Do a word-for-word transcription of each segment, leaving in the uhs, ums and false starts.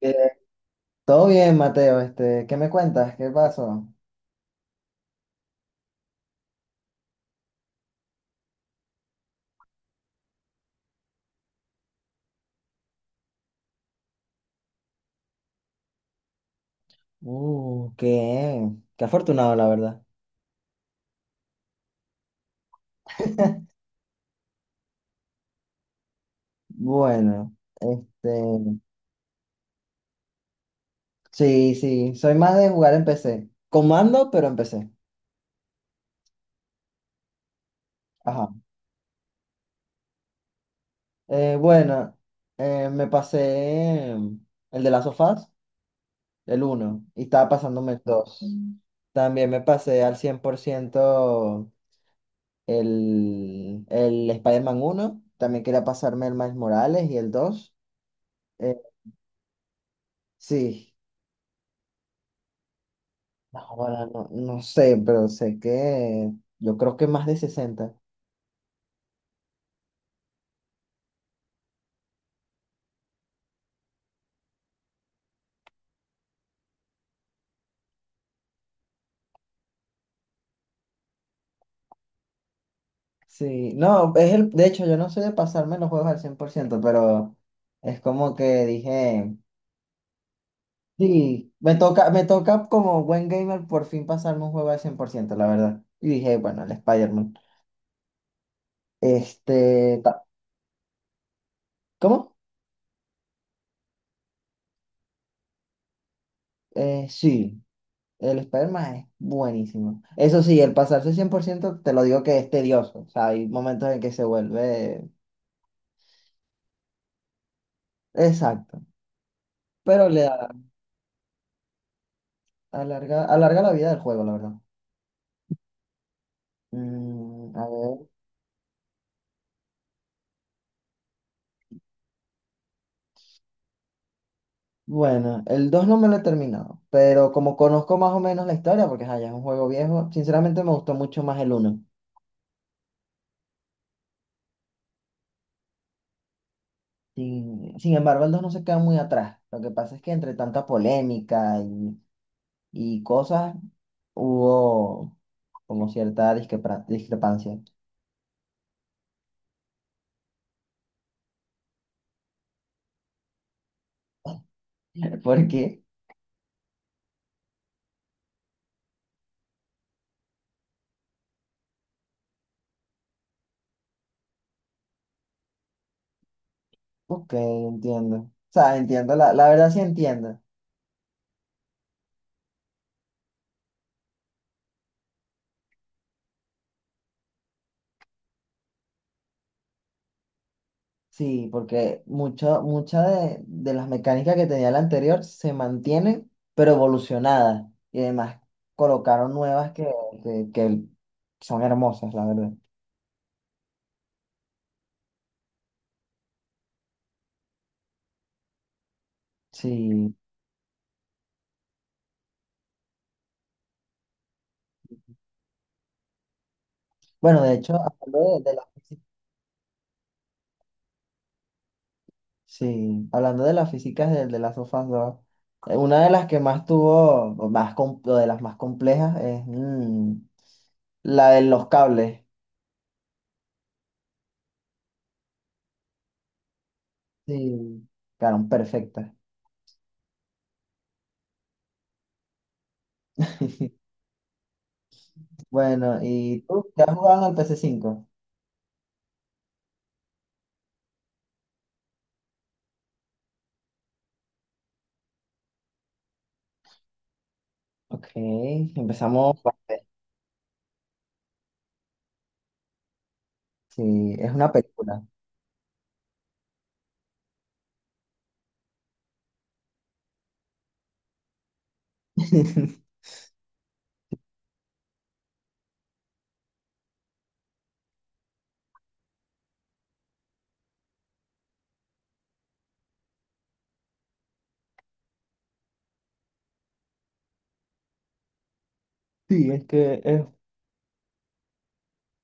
Eh, Todo bien, Mateo, este, ¿qué me cuentas? ¿Qué pasó? Uh, qué, Qué afortunado, la verdad. Bueno, este, sí, sí, soy más de jugar en P C. Comando, pero en P C. Ajá. Eh, bueno, eh, Me pasé mm, el de las sofás, el uno, y estaba pasándome el dos. También me pasé al cien por ciento el, el Spider-Man uno. También quería pasarme el Miles Morales y el dos. Eh, sí. Ahora no, no sé, pero sé que yo creo que más de sesenta. Sí, no, es el, de hecho yo no soy de pasarme los juegos al cien por ciento, pero es como que dije, sí, me toca, me toca como buen gamer por fin pasarme un juego al cien por ciento, la verdad. Y dije, bueno, el Spider-Man. Este, ta- ¿Cómo? Eh, sí, el Spider-Man es buenísimo. Eso sí, el pasarse cien por ciento te lo digo que es tedioso, o sea, hay momentos en que se vuelve... Exacto, pero le da... Alarga, alarga la vida del juego, la verdad. Mm, a ver. Bueno, el dos no me lo he terminado, pero como conozco más o menos la historia, porque ajá, ya es un juego viejo, sinceramente me gustó mucho más el uno. Sin, sin embargo, el dos no se queda muy atrás. Lo que pasa es que entre tanta polémica y, y cosas, hubo como cierta disquepra- discrepancia. Porque, ok, entiendo. O sea, entiendo, la, la verdad sí entiendo. Sí, porque mucho, mucha de, de las mecánicas que tenía la anterior se mantienen, pero evolucionadas. Y además colocaron nuevas que, que, que son hermosas, la verdad. Sí. Bueno, de hecho, hablando de, de las físicas, sí, hablando de las físicas de, de las sofás dos, eh, una de las que más tuvo, o más com- o de las más complejas es mm, la de los cables. Sí, quedaron perfectas. Bueno, ¿y tú? ¿Ya has jugado al P C cinco? Ok, empezamos fuerte. Sí, es una película. Sí, es que es,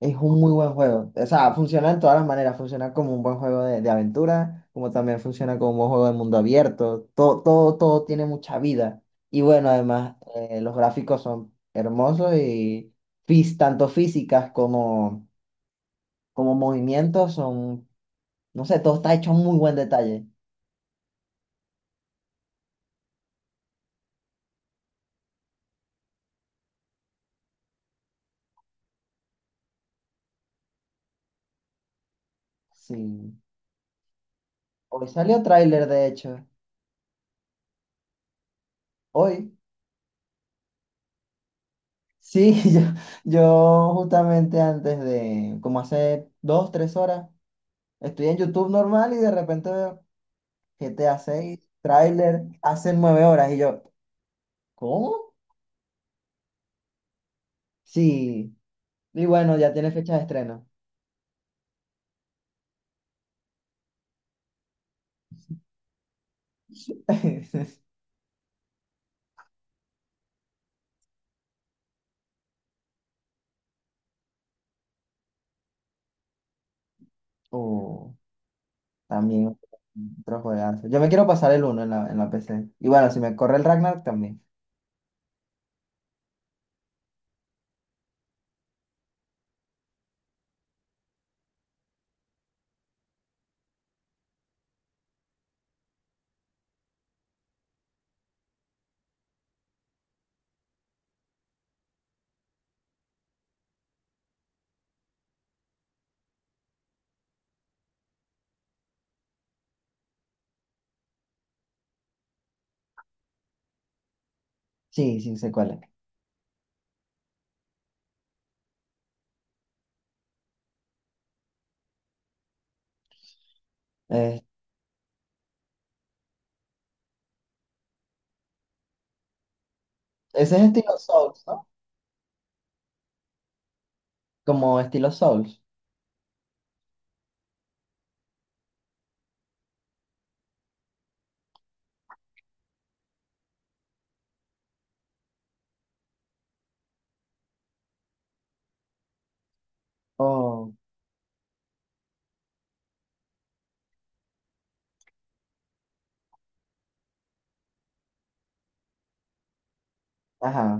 es un muy buen juego. O sea, funciona en todas las maneras. Funciona como un buen juego de, de aventura, como también funciona como un buen juego de mundo abierto. Todo, todo, todo tiene mucha vida. Y bueno, además, eh, los gráficos son hermosos y fis- tanto físicas como, como movimientos son, no sé, todo está hecho en muy buen detalle. Sí. Hoy salió tráiler, de hecho. Hoy. Sí, yo, yo justamente antes de, como hace dos, tres horas, estoy en YouTube normal y de repente veo G T A seis, tráiler, hace nueve horas, y yo, ¿cómo? Sí, y bueno, ya tiene fecha de estreno. Uh, también otro juegazo. Yo me quiero pasar el uno en la, en la P C. Y bueno, si me corre el Ragnar también. Sí, sí, sé cuál es. Eh, ¿Ese es estilo Souls, no? Como estilo Souls. Oh, ajá.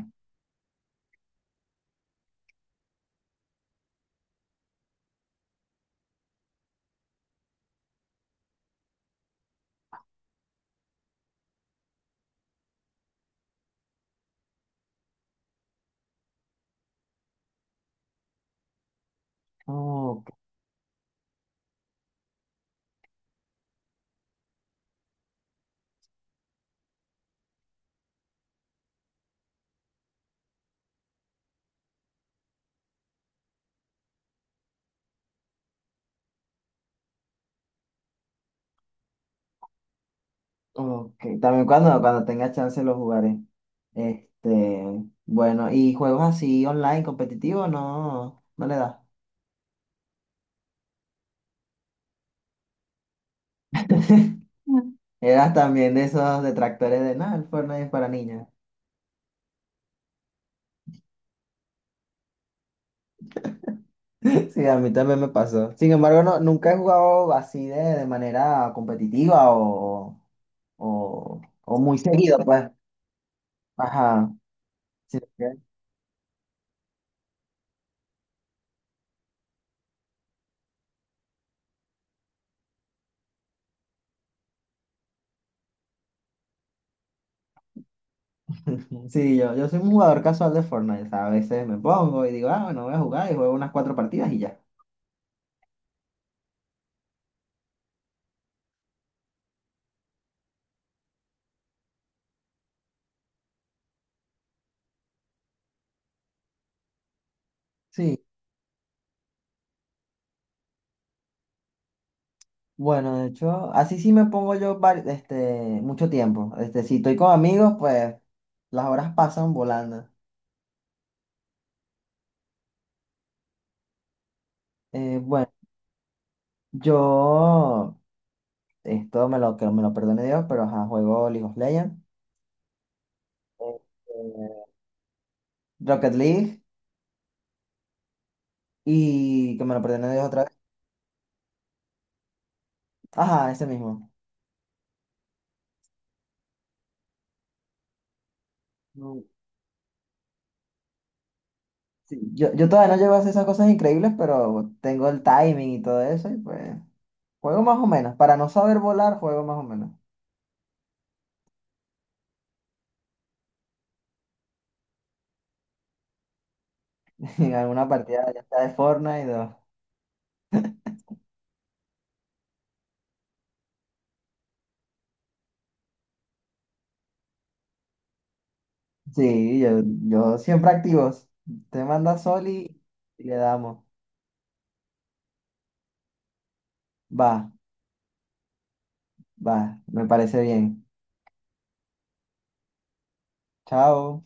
Oh, ok, también cuando, cuando tenga chance lo jugaré. Este, bueno, ¿y juegos así online, competitivos? No, no le das. Mm. Eras también de esos detractores de nada, el Fortnite es para niñas. Sí, a mí también me pasó. Sin embargo, no, nunca he jugado así de, de manera competitiva o, o, o muy seguido, pues. Ajá. Sí, ok. Sí, yo, yo soy un jugador casual de Fortnite. O sea, a veces me pongo y digo, ah, bueno, voy a jugar y juego unas cuatro partidas y ya. Sí. Bueno, de hecho, así sí me pongo yo vari- este, mucho tiempo. Este, si estoy con amigos, pues las horas pasan volando. Eh, bueno, yo, esto me lo, que me lo perdone Dios, pero ajá, juego League of Legends, eh, Rocket League, y que me lo perdone Dios otra vez. Ajá, ese mismo. No, sí, Yo, yo todavía no llego a hacer esas cosas increíbles, pero tengo el timing y todo eso, y pues juego más o menos. Para no saber volar, juego más o menos. En alguna partida ya está de Fortnite. Sí, yo, yo siempre activos. Te manda Sol, y y le damos. Va, va, me parece bien. Chao.